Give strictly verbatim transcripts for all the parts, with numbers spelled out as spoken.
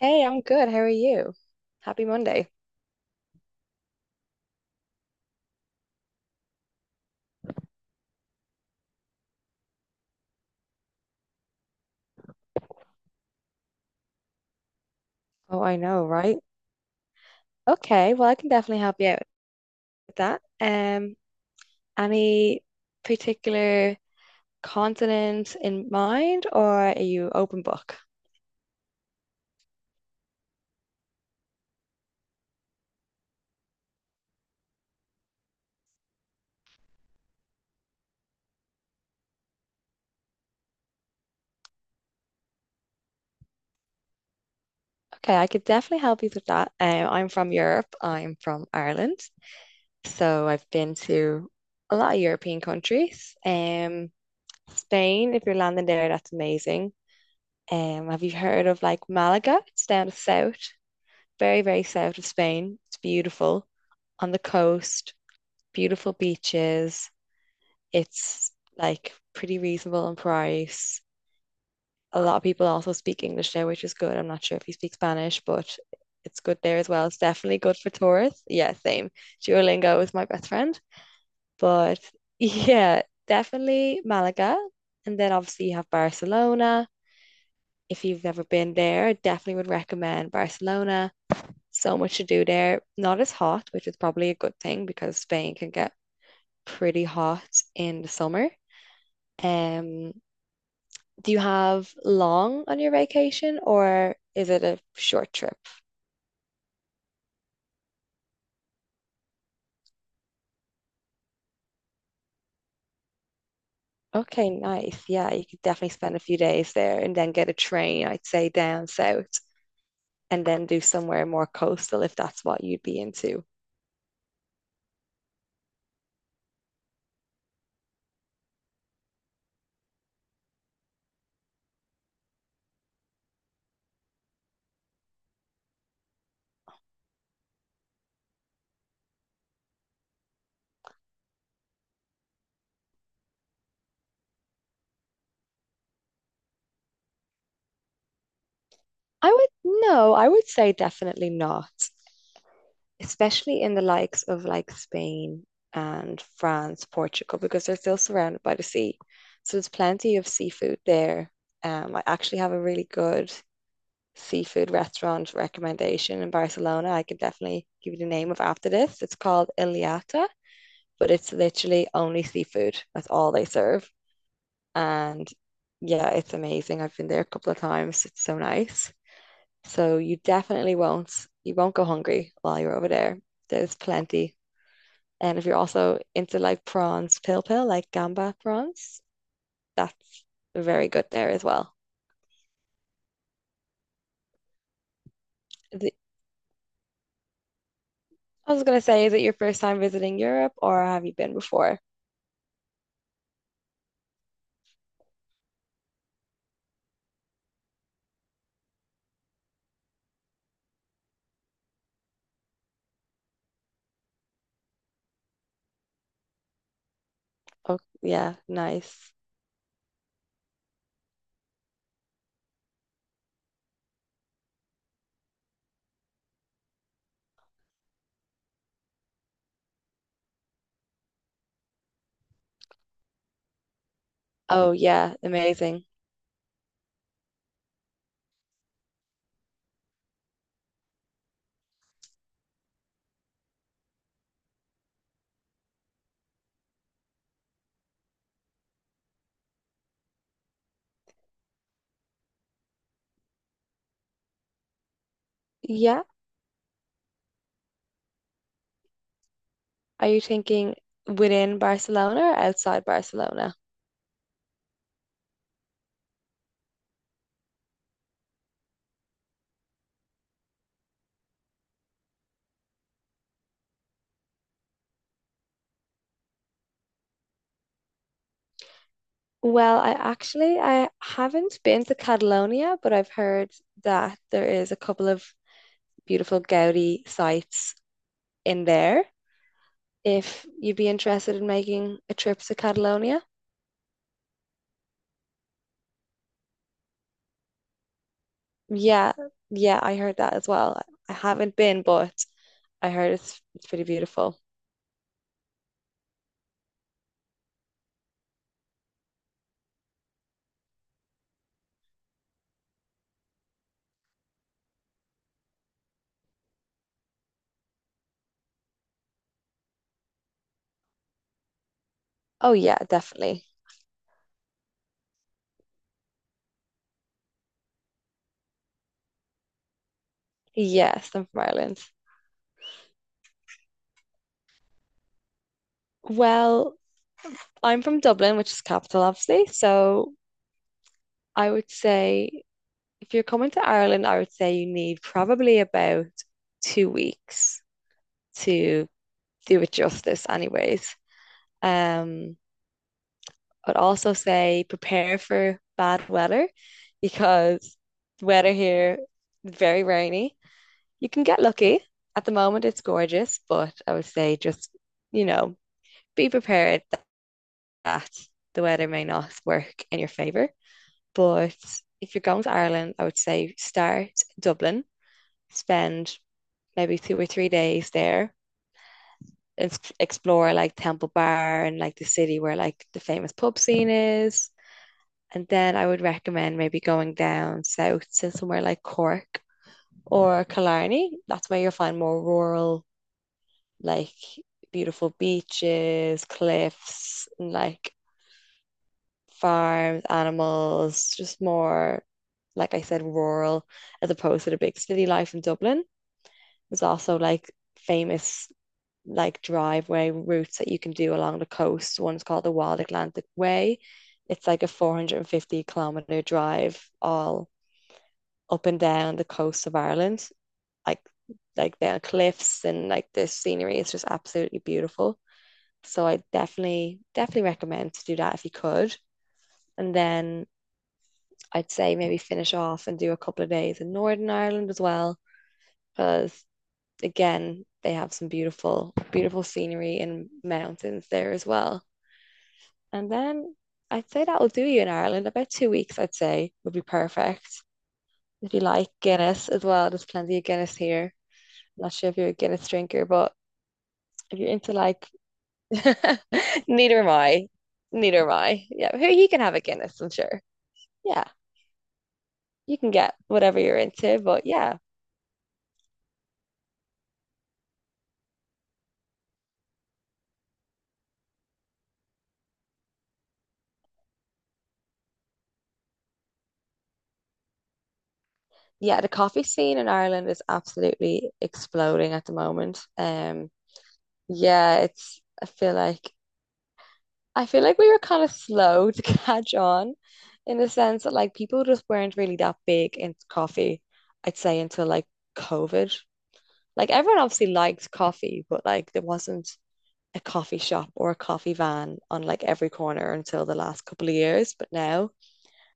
Hey, I'm good. How are you? Happy Monday. Oh, I know, right? Okay, well, I can definitely help you out with that. Um, any particular continent in mind, or are you open book? Okay, I could definitely help you with that. Um, I'm from Europe. I'm from Ireland, so I've been to a lot of European countries. Um, Spain, if you're landing there, that's amazing. Um, have you heard of like Malaga? It's down the south, very, very south of Spain. It's beautiful on the coast, beautiful beaches. It's like pretty reasonable in price. A lot of people also speak English there, which is good. I'm not sure if you speak Spanish, but it's good there as well. It's definitely good for tourists. Yeah, same. Duolingo is my best friend. But yeah, definitely Malaga. And then obviously you have Barcelona. If you've never been there, I definitely would recommend Barcelona. So much to do there. Not as hot, which is probably a good thing because Spain can get pretty hot in the summer. Um, do you have long on your vacation or is it a short trip? Okay, nice. Yeah, you could definitely spend a few days there and then get a train, I'd say, down south and then do somewhere more coastal if that's what you'd be into. I would no, I would say definitely not, especially in the likes of like Spain and France, Portugal, because they're still surrounded by the sea. So there's plenty of seafood there. Um, I actually have a really good seafood restaurant recommendation in Barcelona. I can definitely give you the name of after this. It's called Iliata, but it's literally only seafood. That's all they serve. And yeah, it's amazing. I've been there a couple of times. It's so nice. So you definitely won't you won't go hungry while you're over there. There's plenty. And if you're also into like prawns, pill pill, like gamba prawns, that's very good there as well. Is it- I was gonna say, is it your first time visiting Europe or have you been before? Oh yeah, nice. Oh yeah, amazing. Yeah. Are you thinking within Barcelona or outside Barcelona? Well, I actually I haven't been to Catalonia, but I've heard that there is a couple of beautiful Gaudi sites in there if you'd be interested in making a trip to Catalonia. Yeah, yeah, I heard that as well. I haven't been, but I heard it's it's pretty beautiful. Oh yeah, definitely. Yes, I'm from Ireland. Well, I'm from Dublin, which is capital, obviously. So I would say if you're coming to Ireland, I would say you need probably about two weeks to do it justice, anyways. Um, I'd also say prepare for bad weather because the weather here is very rainy. You can get lucky. At the moment, it's gorgeous, but I would say just, you know, be prepared that the weather may not work in your favor. But if you're going to Ireland, I would say start Dublin, spend maybe two or three days there and s- explore like Temple Bar and like the city where like the famous pub scene is. And then I would recommend maybe going down south to somewhere like Cork or Killarney. That's where you'll find more rural, like beautiful beaches, cliffs, and like farms, animals, just more, like I said, rural as opposed to the big city life in Dublin. There's also like famous like driveway routes that you can do along the coast. One's called the Wild Atlantic Way. It's like a four hundred fifty kilometer drive all up and down the coast of Ireland, like like down cliffs and like the scenery is just absolutely beautiful. So I definitely definitely recommend to do that if you could. And then I'd say maybe finish off and do a couple of days in Northern Ireland as well, because again, they have some beautiful, beautiful scenery and mountains there as well. And then I'd say that will do you in Ireland. About two weeks, I'd say, would be perfect. If you like Guinness as well, there's plenty of Guinness here. Not sure if you're a Guinness drinker, but if you're into like, neither am I. Neither am I. Yeah, here you can have a Guinness, I'm sure. Yeah, you can get whatever you're into, but yeah. Yeah, the coffee scene in Ireland is absolutely exploding at the moment. Um, yeah, it's I feel like I feel like we were kind of slow to catch on in the sense that like people just weren't really that big into coffee, I'd say until like COVID. Like everyone obviously liked coffee, but like there wasn't a coffee shop or a coffee van on like every corner until the last couple of years. But now,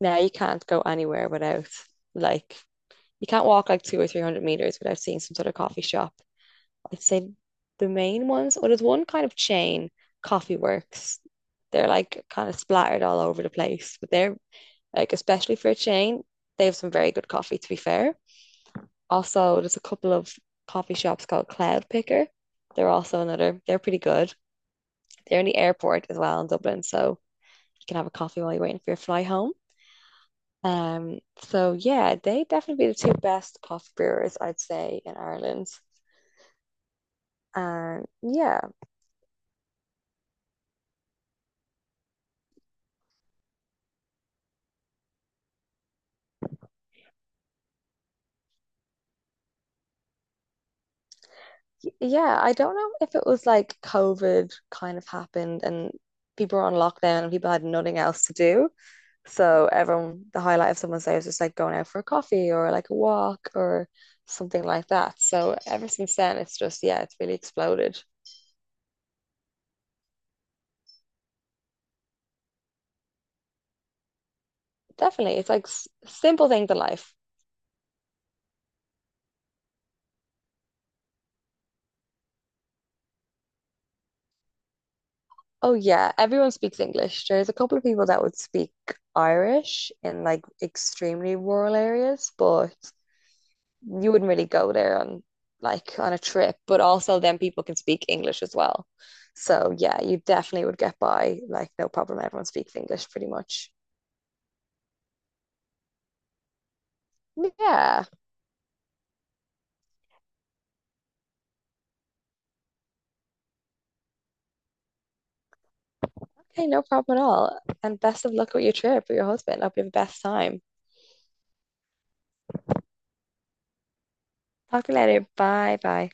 now you can't go anywhere without like you can't walk like two or three hundred meters without seeing some sort of coffee shop. I'd say the main ones, or there's one kind of chain, Coffee Works. They're like kind of splattered all over the place, but they're like especially for a chain, they have some very good coffee to be fair. Also, there's a couple of coffee shops called Cloud Picker. They're also another, they're pretty good. The only airport as well in Dublin, so you can have a coffee while you're waiting for your fly home. Um, so yeah, they definitely be the two best coffee brewers, I'd say, in Ireland. And yeah, yeah, I don't know if it was like COVID kind of happened and people were on lockdown and people had nothing else to do. So everyone, the highlight of someone's day was just like going out for a coffee or like a walk or something like that. So ever since then, it's just, yeah, it's really exploded. Definitely, it's like s simple things in life. Oh yeah, everyone speaks English. There's a couple of people that would speak Irish in like extremely rural areas, but you wouldn't really go there on like on a trip. But also then people can speak English as well. So yeah, you definitely would get by like no problem. Everyone speaks English pretty much. Yeah. Okay, no problem at all. And best of luck with your trip with your husband. I hope you have the best time. Talk to you later. Bye bye.